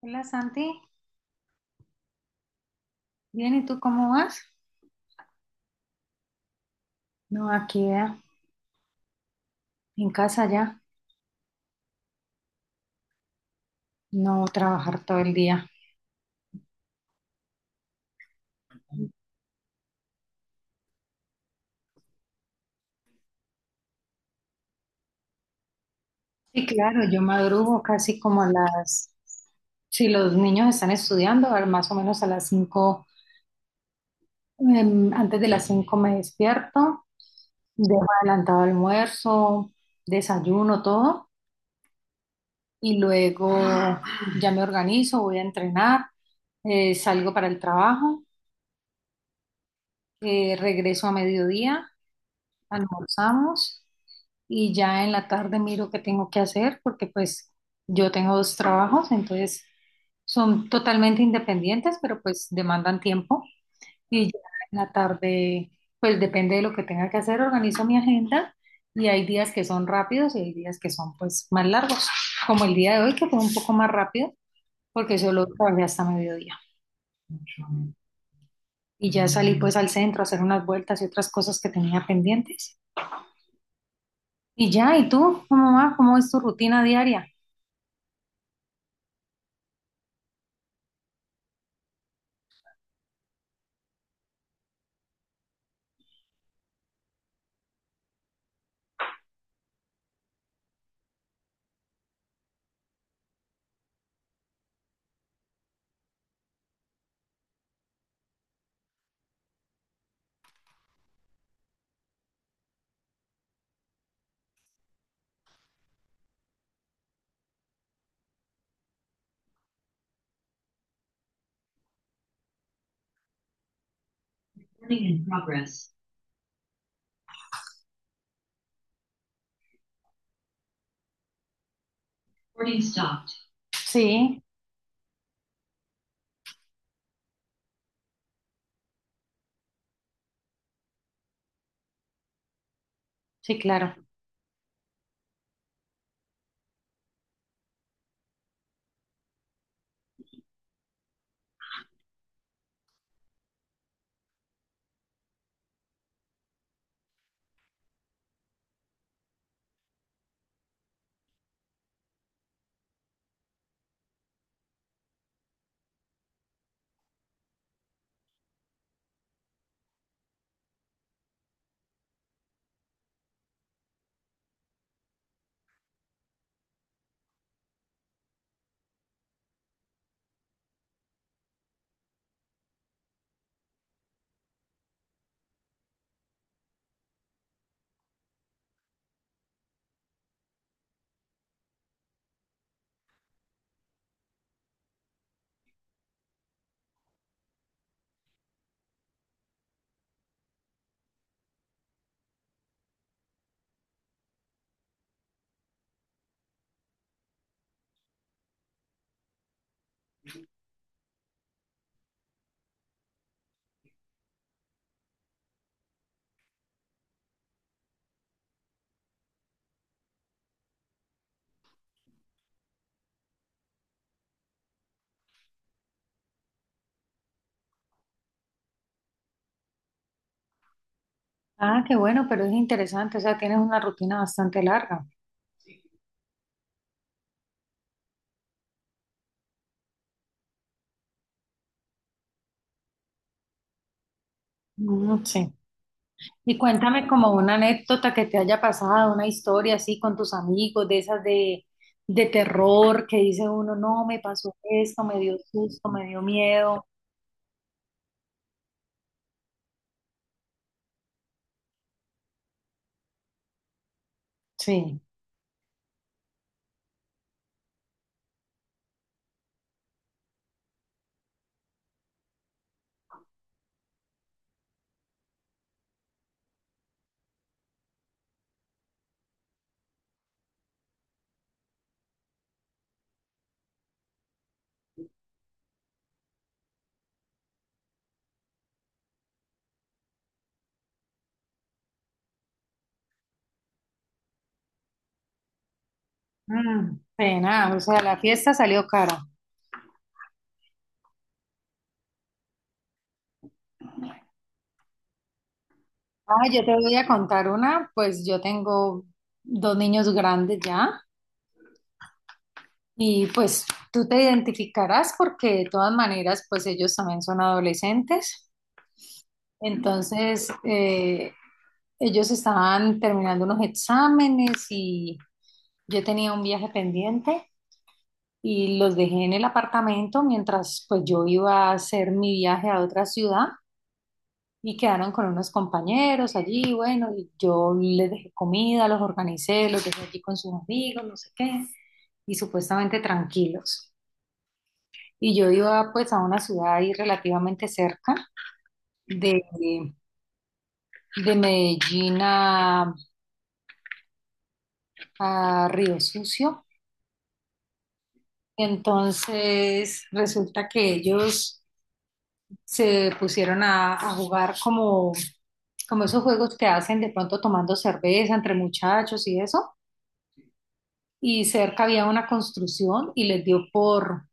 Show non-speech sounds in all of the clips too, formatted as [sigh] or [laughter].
Hola Santi, bien, ¿y tú cómo vas? No, aquí en casa ya, no trabajar todo el día. Sí, claro, yo madrugo casi como a las, si los niños están estudiando, a más o menos a las 5, antes de las 5 me despierto, dejo adelantado almuerzo, desayuno, todo, y luego ya me organizo, voy a entrenar, salgo para el trabajo, regreso a mediodía almorzamos y ya en la tarde miro qué tengo que hacer porque pues yo tengo dos trabajos, entonces son totalmente independientes, pero pues demandan tiempo y ya en la tarde pues depende de lo que tenga que hacer, organizo mi agenda y hay días que son rápidos y hay días que son pues más largos, como el día de hoy que fue un poco más rápido porque solo trabajé hasta mediodía. Y ya salí pues al centro a hacer unas vueltas y otras cosas que tenía pendientes. Y ya, ¿y tú? ¿Cómo vas? ¿Cómo es tu rutina diaria? Recording in progress. Recording stopped. Sí, sí, claro. Ah, qué bueno, pero es interesante, o sea, tienes una rutina bastante larga. Mm, sí. Y cuéntame como una anécdota que te haya pasado, una historia así con tus amigos, de esas de terror, que dice uno, no, me pasó esto, me dio susto, me dio miedo. Sí. Mm, pena, o sea, la fiesta salió cara. Ah, yo te voy a contar una, pues yo tengo dos niños grandes ya y pues tú te identificarás porque de todas maneras pues ellos también son adolescentes. Entonces, ellos estaban terminando unos exámenes y yo tenía un viaje pendiente y los dejé en el apartamento mientras pues yo iba a hacer mi viaje a otra ciudad. Y quedaron con unos compañeros allí, bueno, y yo les dejé comida, los organicé, los dejé allí con sus amigos, no sé qué, y supuestamente tranquilos. Y yo iba pues a una ciudad ahí relativamente cerca de, de Medellín a Río Sucio. Entonces resulta que ellos se pusieron a jugar como, como esos juegos que hacen de pronto tomando cerveza entre muchachos y eso y cerca había una construcción y les dio por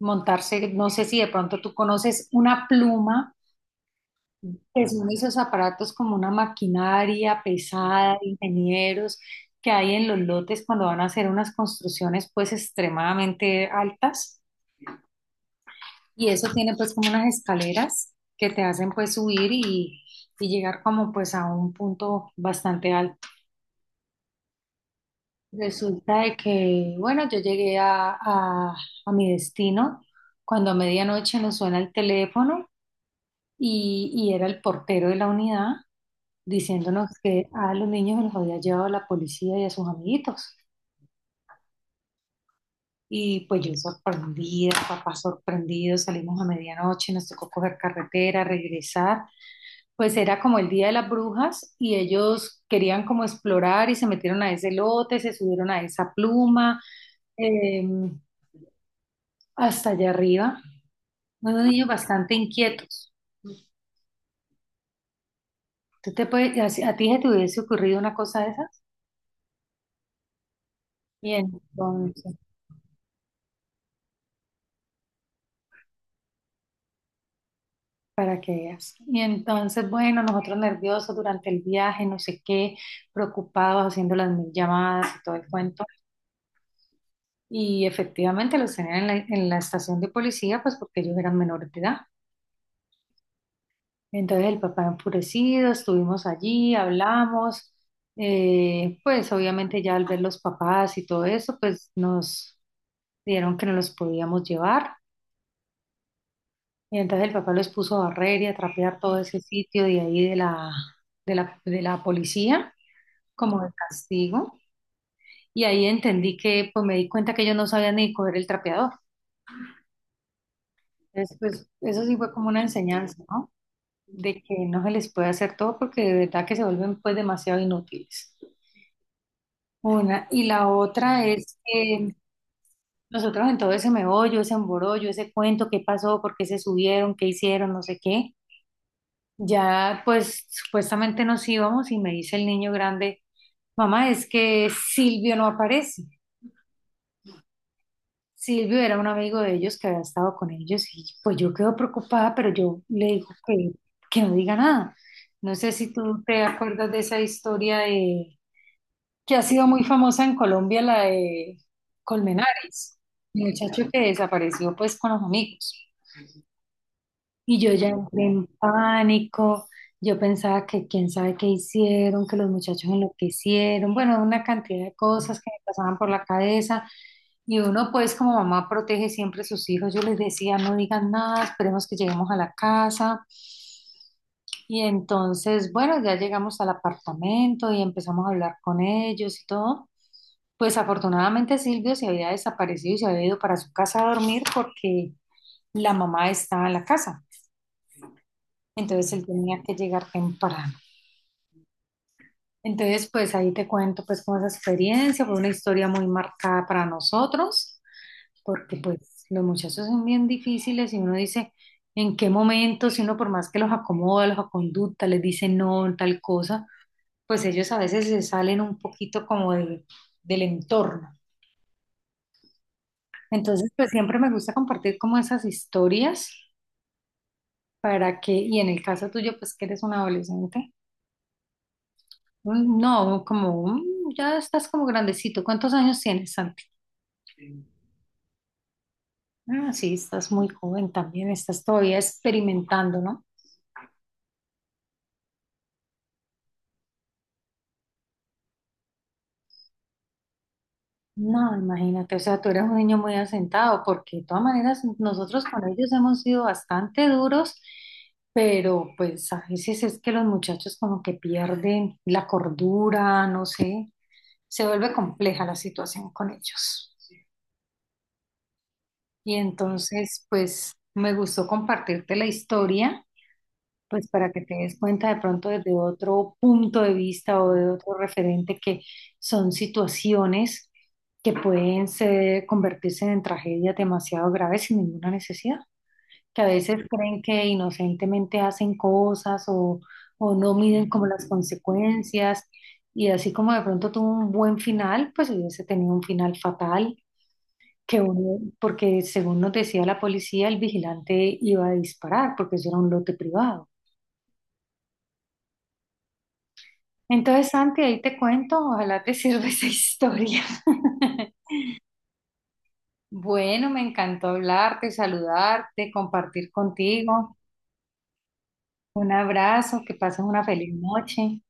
montarse, no sé si de pronto tú conoces una pluma, que son esos aparatos como una maquinaria pesada, de ingenieros que hay en los lotes cuando van a hacer unas construcciones pues extremadamente altas y eso tiene pues como unas escaleras que te hacen pues subir y llegar como pues a un punto bastante alto. Resulta de que, bueno, yo llegué a mi destino cuando a medianoche nos suena el teléfono y era el portero de la unidad diciéndonos que a los niños los había llevado la policía y a sus amiguitos. Y pues yo sorprendida, papá sorprendido, salimos a medianoche, nos tocó coger carretera, regresar. Pues era como el Día de las Brujas y ellos querían como explorar y se metieron a ese lote, se subieron a esa pluma. em, Hasta allá arriba, unos niños bastante inquietos. ¿Tú te puedes, a, si- a ti se te hubiese ocurrido una cosa de esas? Y entonces, para que veas. Y entonces, bueno, nosotros nerviosos durante el viaje, no sé qué, preocupados, haciendo las mil llamadas y todo el cuento. Y efectivamente los tenían en la estación de policía, pues porque ellos eran menores de edad. Entonces el papá enfurecido, estuvimos allí, hablamos, pues obviamente ya al ver los papás y todo eso, pues nos, vieron que no los podíamos llevar. Y entonces el papá los puso a barrer y a trapear todo ese sitio de ahí de la, de la, de la policía, como de castigo. Y ahí entendí que, pues me di cuenta que ellos no sabían ni coger el trapeador. Entonces, pues eso sí fue como una enseñanza, ¿no? De que no se les puede hacer todo porque de verdad que se vuelven pues demasiado inútiles. Una. Y la otra es que nosotros en todo ese meollo, ese emborollo, ese cuento, qué pasó, por qué se subieron, qué hicieron, no sé qué. Ya, pues supuestamente nos íbamos y me dice el niño grande, mamá, es que Silvio no aparece. Silvio era un amigo de ellos que había estado con ellos y pues yo quedo preocupada, pero yo le digo que no diga nada. No sé si tú te acuerdas de esa historia de, que ha sido muy famosa en Colombia, la de Colmenares, el muchacho que desapareció pues con los amigos. Y yo ya entré en pánico, yo pensaba que quién sabe qué hicieron, que los muchachos enloquecieron, bueno, una cantidad de cosas que me pasaban por la cabeza. Y uno pues como mamá protege siempre a sus hijos, yo les decía, no digan nada, esperemos que lleguemos a la casa. Y entonces, bueno, ya llegamos al apartamento y empezamos a hablar con ellos y todo. Pues afortunadamente Silvio se había desaparecido y se había ido para su casa a dormir porque la mamá estaba en la casa. Entonces él tenía que llegar temprano. Entonces, pues ahí te cuento pues como esa experiencia, fue una historia muy marcada para nosotros, porque pues los muchachos son bien difíciles y uno dice, ¿en qué momento? Si uno por más que los acomoda, los aconducta, les dice no, tal cosa, pues ellos a veces se salen un poquito como de- del entorno. Entonces, pues siempre me gusta compartir como esas historias para que, y en el caso tuyo, pues que eres un adolescente. Mm, no, como mm, ya estás como grandecito. ¿Cuántos años tienes, Santi? Ah, sí, estás muy joven también, estás todavía experimentando, ¿no? No, imagínate, o sea, tú eres un niño muy asentado, porque de todas maneras nosotros con ellos hemos sido bastante duros, pero pues a veces es que los muchachos como que pierden la cordura, no sé, se vuelve compleja la situación con ellos. Y entonces, pues me gustó compartirte la historia. Pues para que te des cuenta de pronto desde otro punto de vista o de otro referente que son situaciones que pueden ser, convertirse en tragedias demasiado graves sin ninguna necesidad, que a veces creen que inocentemente hacen cosas o no miden como las consecuencias y así como de pronto tuvo un buen final, pues hubiese tenido un final fatal. Que uno- porque según nos decía la policía, el vigilante iba a disparar porque eso era un lote privado. Entonces, Santi, ahí te cuento, ojalá te [laughs] sirva esa historia. [laughs] Bueno, me encantó hablarte, saludarte, compartir contigo. Un abrazo, que pases una feliz noche.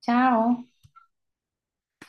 Chao.